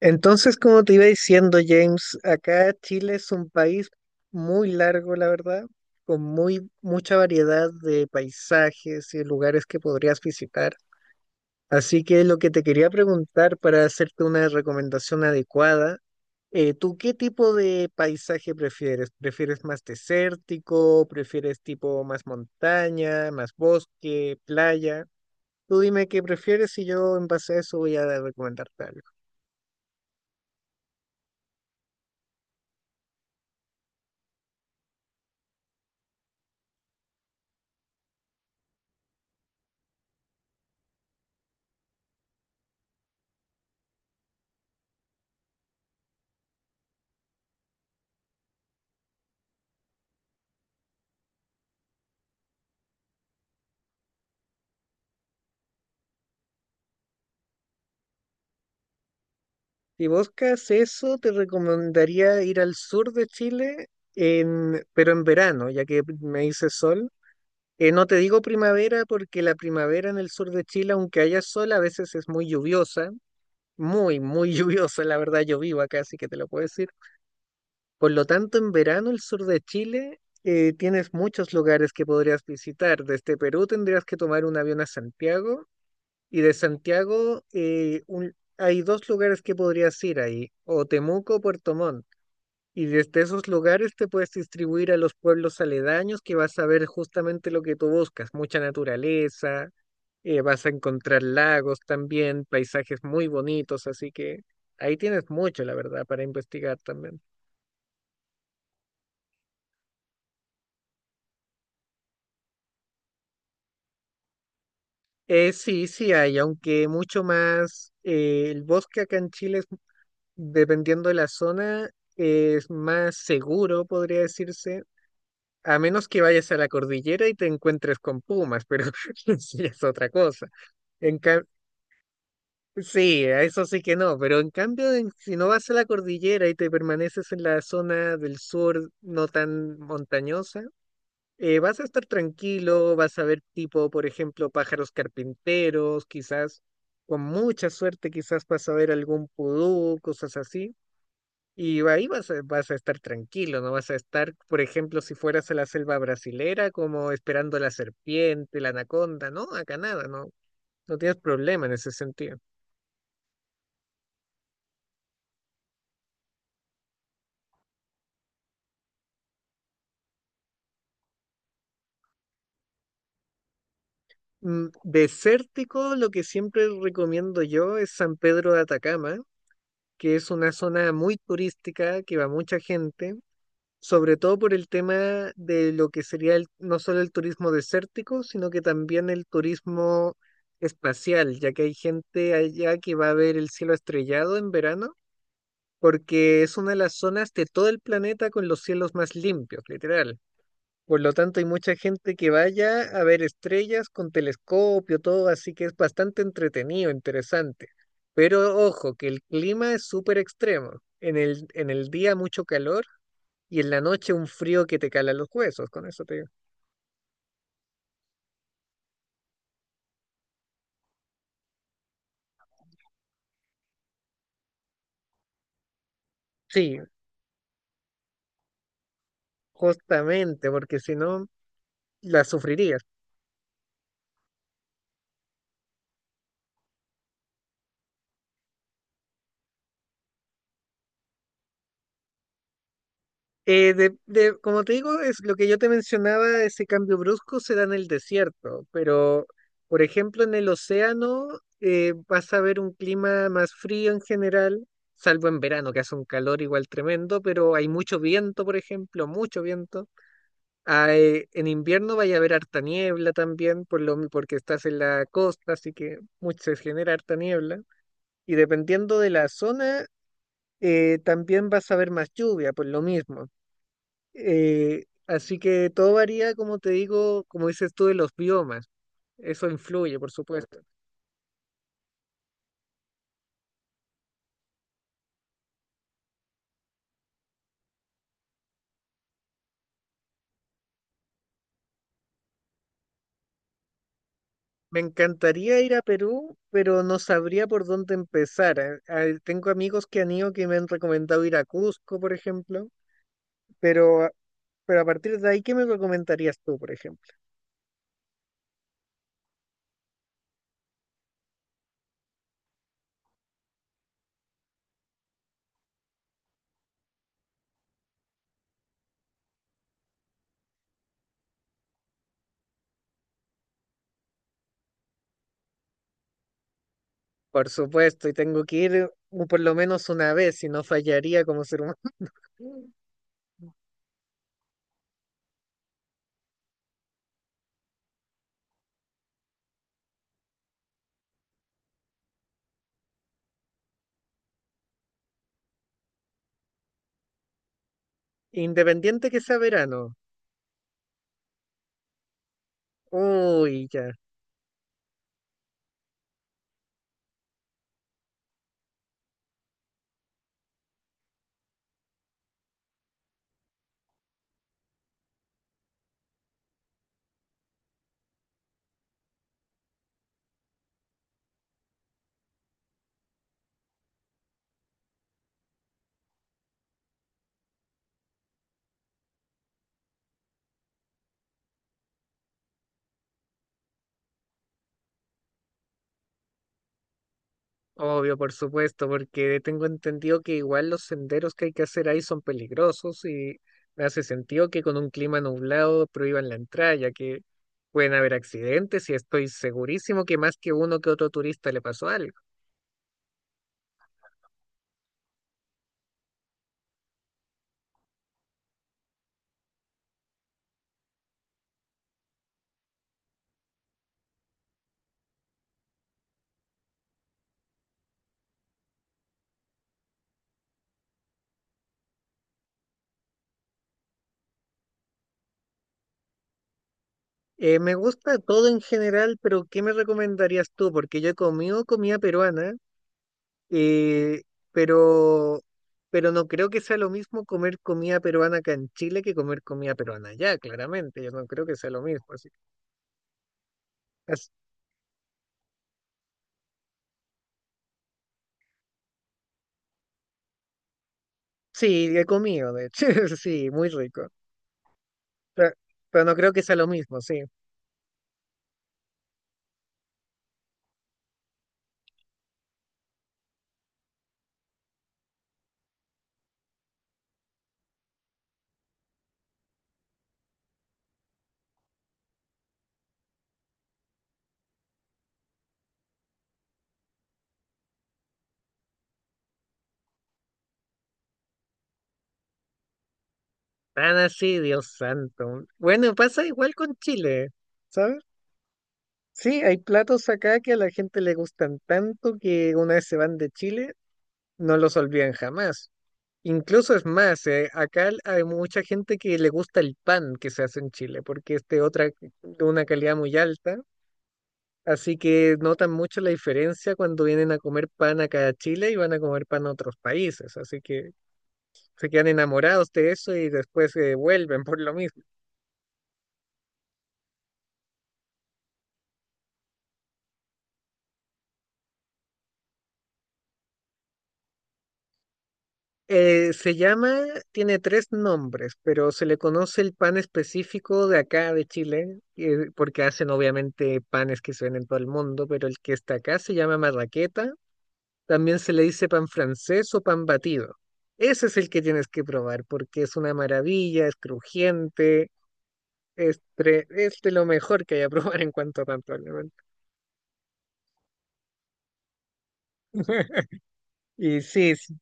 Entonces, como te iba diciendo, James, acá Chile es un país muy largo, la verdad, con muy mucha variedad de paisajes y lugares que podrías visitar. Así que lo que te quería preguntar para hacerte una recomendación adecuada, ¿tú qué tipo de paisaje prefieres? ¿Prefieres más desértico? ¿Prefieres tipo más montaña, más bosque, playa? Tú dime qué prefieres y yo en base a eso voy a recomendarte algo. Si buscas eso, te recomendaría ir al sur de Chile, pero en verano, ya que me dice sol. No te digo primavera porque la primavera en el sur de Chile, aunque haya sol, a veces es muy lluviosa, muy, muy lluviosa, la verdad yo vivo acá, así que te lo puedo decir. Por lo tanto, en verano el sur de Chile tienes muchos lugares que podrías visitar. Desde Perú tendrías que tomar un avión a Santiago y de Santiago hay dos lugares que podrías ir ahí, o Temuco o Puerto Montt. Y desde esos lugares te puedes distribuir a los pueblos aledaños que vas a ver justamente lo que tú buscas, mucha naturaleza, vas a encontrar lagos también, paisajes muy bonitos, así que ahí tienes mucho, la verdad, para investigar también. Sí, sí hay, aunque mucho más, el bosque acá en Chile, dependiendo de la zona, es más seguro, podría decirse. A menos que vayas a la cordillera y te encuentres con pumas, pero sí es otra cosa. En ca- sí, a eso sí que no, pero en cambio, si no vas a la cordillera y te permaneces en la zona del sur no tan montañosa, vas a estar tranquilo, vas a ver tipo, por ejemplo, pájaros carpinteros, quizás con mucha suerte, quizás vas a ver algún pudú, cosas así. Y ahí vas a estar tranquilo, no vas a estar, por ejemplo, si fueras a la selva brasilera, como esperando la serpiente, la anaconda, ¿no? Acá nada, no, no tienes problema en ese sentido. Desértico, lo que siempre recomiendo yo es San Pedro de Atacama, que es una zona muy turística que va mucha gente sobre todo por el tema de lo que sería no solo el turismo desértico, sino que también el turismo espacial, ya que hay gente allá que va a ver el cielo estrellado en verano, porque es una de las zonas de todo el planeta con los cielos más limpios, literal. Por lo tanto, hay mucha gente que vaya a ver estrellas con telescopio, todo, así que es bastante entretenido, interesante. Pero ojo, que el clima es súper extremo. En el día mucho calor y en la noche un frío que te cala los huesos, con eso te digo. Sí, justamente, porque si no, la sufrirías. Como te digo, es lo que yo te mencionaba, ese cambio brusco se da en el desierto, pero, por ejemplo, en el océano vas a ver un clima más frío en general, salvo en verano, que hace un calor igual tremendo, pero hay mucho viento, por ejemplo, mucho viento. En invierno vaya a haber harta niebla también, porque estás en la costa, así que mucho se genera harta niebla. Y dependiendo de la zona, también vas a ver más lluvia, por lo mismo. Así que todo varía, como te digo, como dices tú, de los biomas. Eso influye, por supuesto. Me encantaría ir a Perú, pero no sabría por dónde empezar. Tengo amigos que han ido que me han recomendado ir a Cusco, por ejemplo, pero... Pero a partir de ahí, ¿qué me recomendarías tú, por ejemplo? Por supuesto, y tengo que ir por lo menos una vez, si no fallaría como ser humano. Independiente que sea verano. Uy, ya. Obvio, por supuesto, porque tengo entendido que igual los senderos que hay que hacer ahí son peligrosos y me hace sentido que con un clima nublado prohíban la entrada, ya que pueden haber accidentes y estoy segurísimo que más que uno que otro turista le pasó algo. Me gusta todo en general, pero ¿qué me recomendarías tú? Porque yo he comido comida peruana. Eh, pero, pero no creo que sea lo mismo comer comida peruana acá en Chile que comer comida peruana allá, claramente. Yo no creo que sea lo mismo. As- sí, he comido, de hecho, sí, muy rico. Pero, pero no creo que sea lo mismo, sí. Tan así, Dios santo. Bueno, pasa igual con Chile, ¿sabes? Sí, hay platos acá que a la gente le gustan tanto que una vez se van de Chile, no los olvidan jamás. Incluso es más, acá hay mucha gente que le gusta el pan que se hace en Chile, porque es de de una calidad muy alta, así que notan mucho la diferencia cuando vienen a comer pan acá a Chile y van a comer pan a otros países, así que se quedan enamorados de eso y después se vuelven por lo mismo. Eh, se llama, Tiene tres nombres, pero se le conoce el pan específico de acá de Chile, porque hacen obviamente panes que se ven en todo el mundo, pero el que está acá se llama marraqueta. También se le dice pan francés o pan batido. Ese es el que tienes que probar porque es una maravilla, es crujiente, es de lo mejor que hay a probar en cuanto a pan, probablemente. Y sí, sí.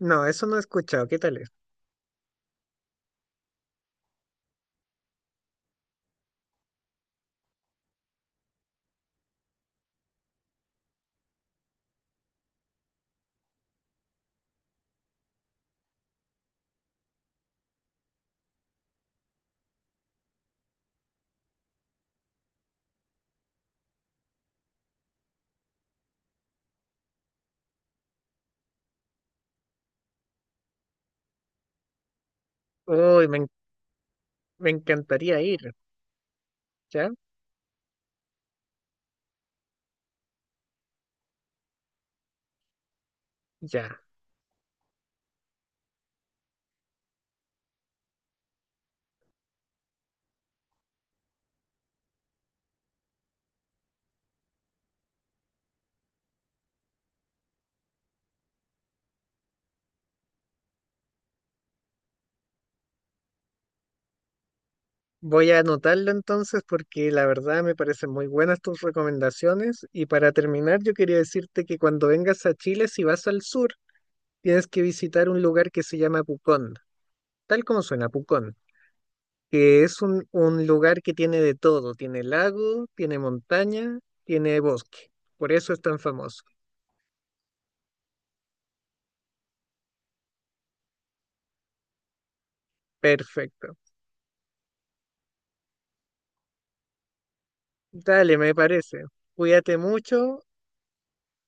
No, eso no he escuchado. ¿Qué tal es? Uy, me, en- Me encantaría ir. ¿Ya? Ya. Voy a anotarlo entonces porque la verdad me parecen muy buenas tus recomendaciones. Y para terminar, yo quería decirte que cuando vengas a Chile, si vas al sur, tienes que visitar un lugar que se llama Pucón, tal como suena Pucón. Que es un lugar que tiene de todo, tiene lago, tiene montaña, tiene bosque. Por eso es tan famoso. Perfecto. Dale, me parece. Cuídate mucho.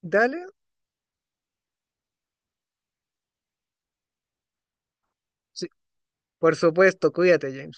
Dale. Sí, por supuesto, cuídate, Jane.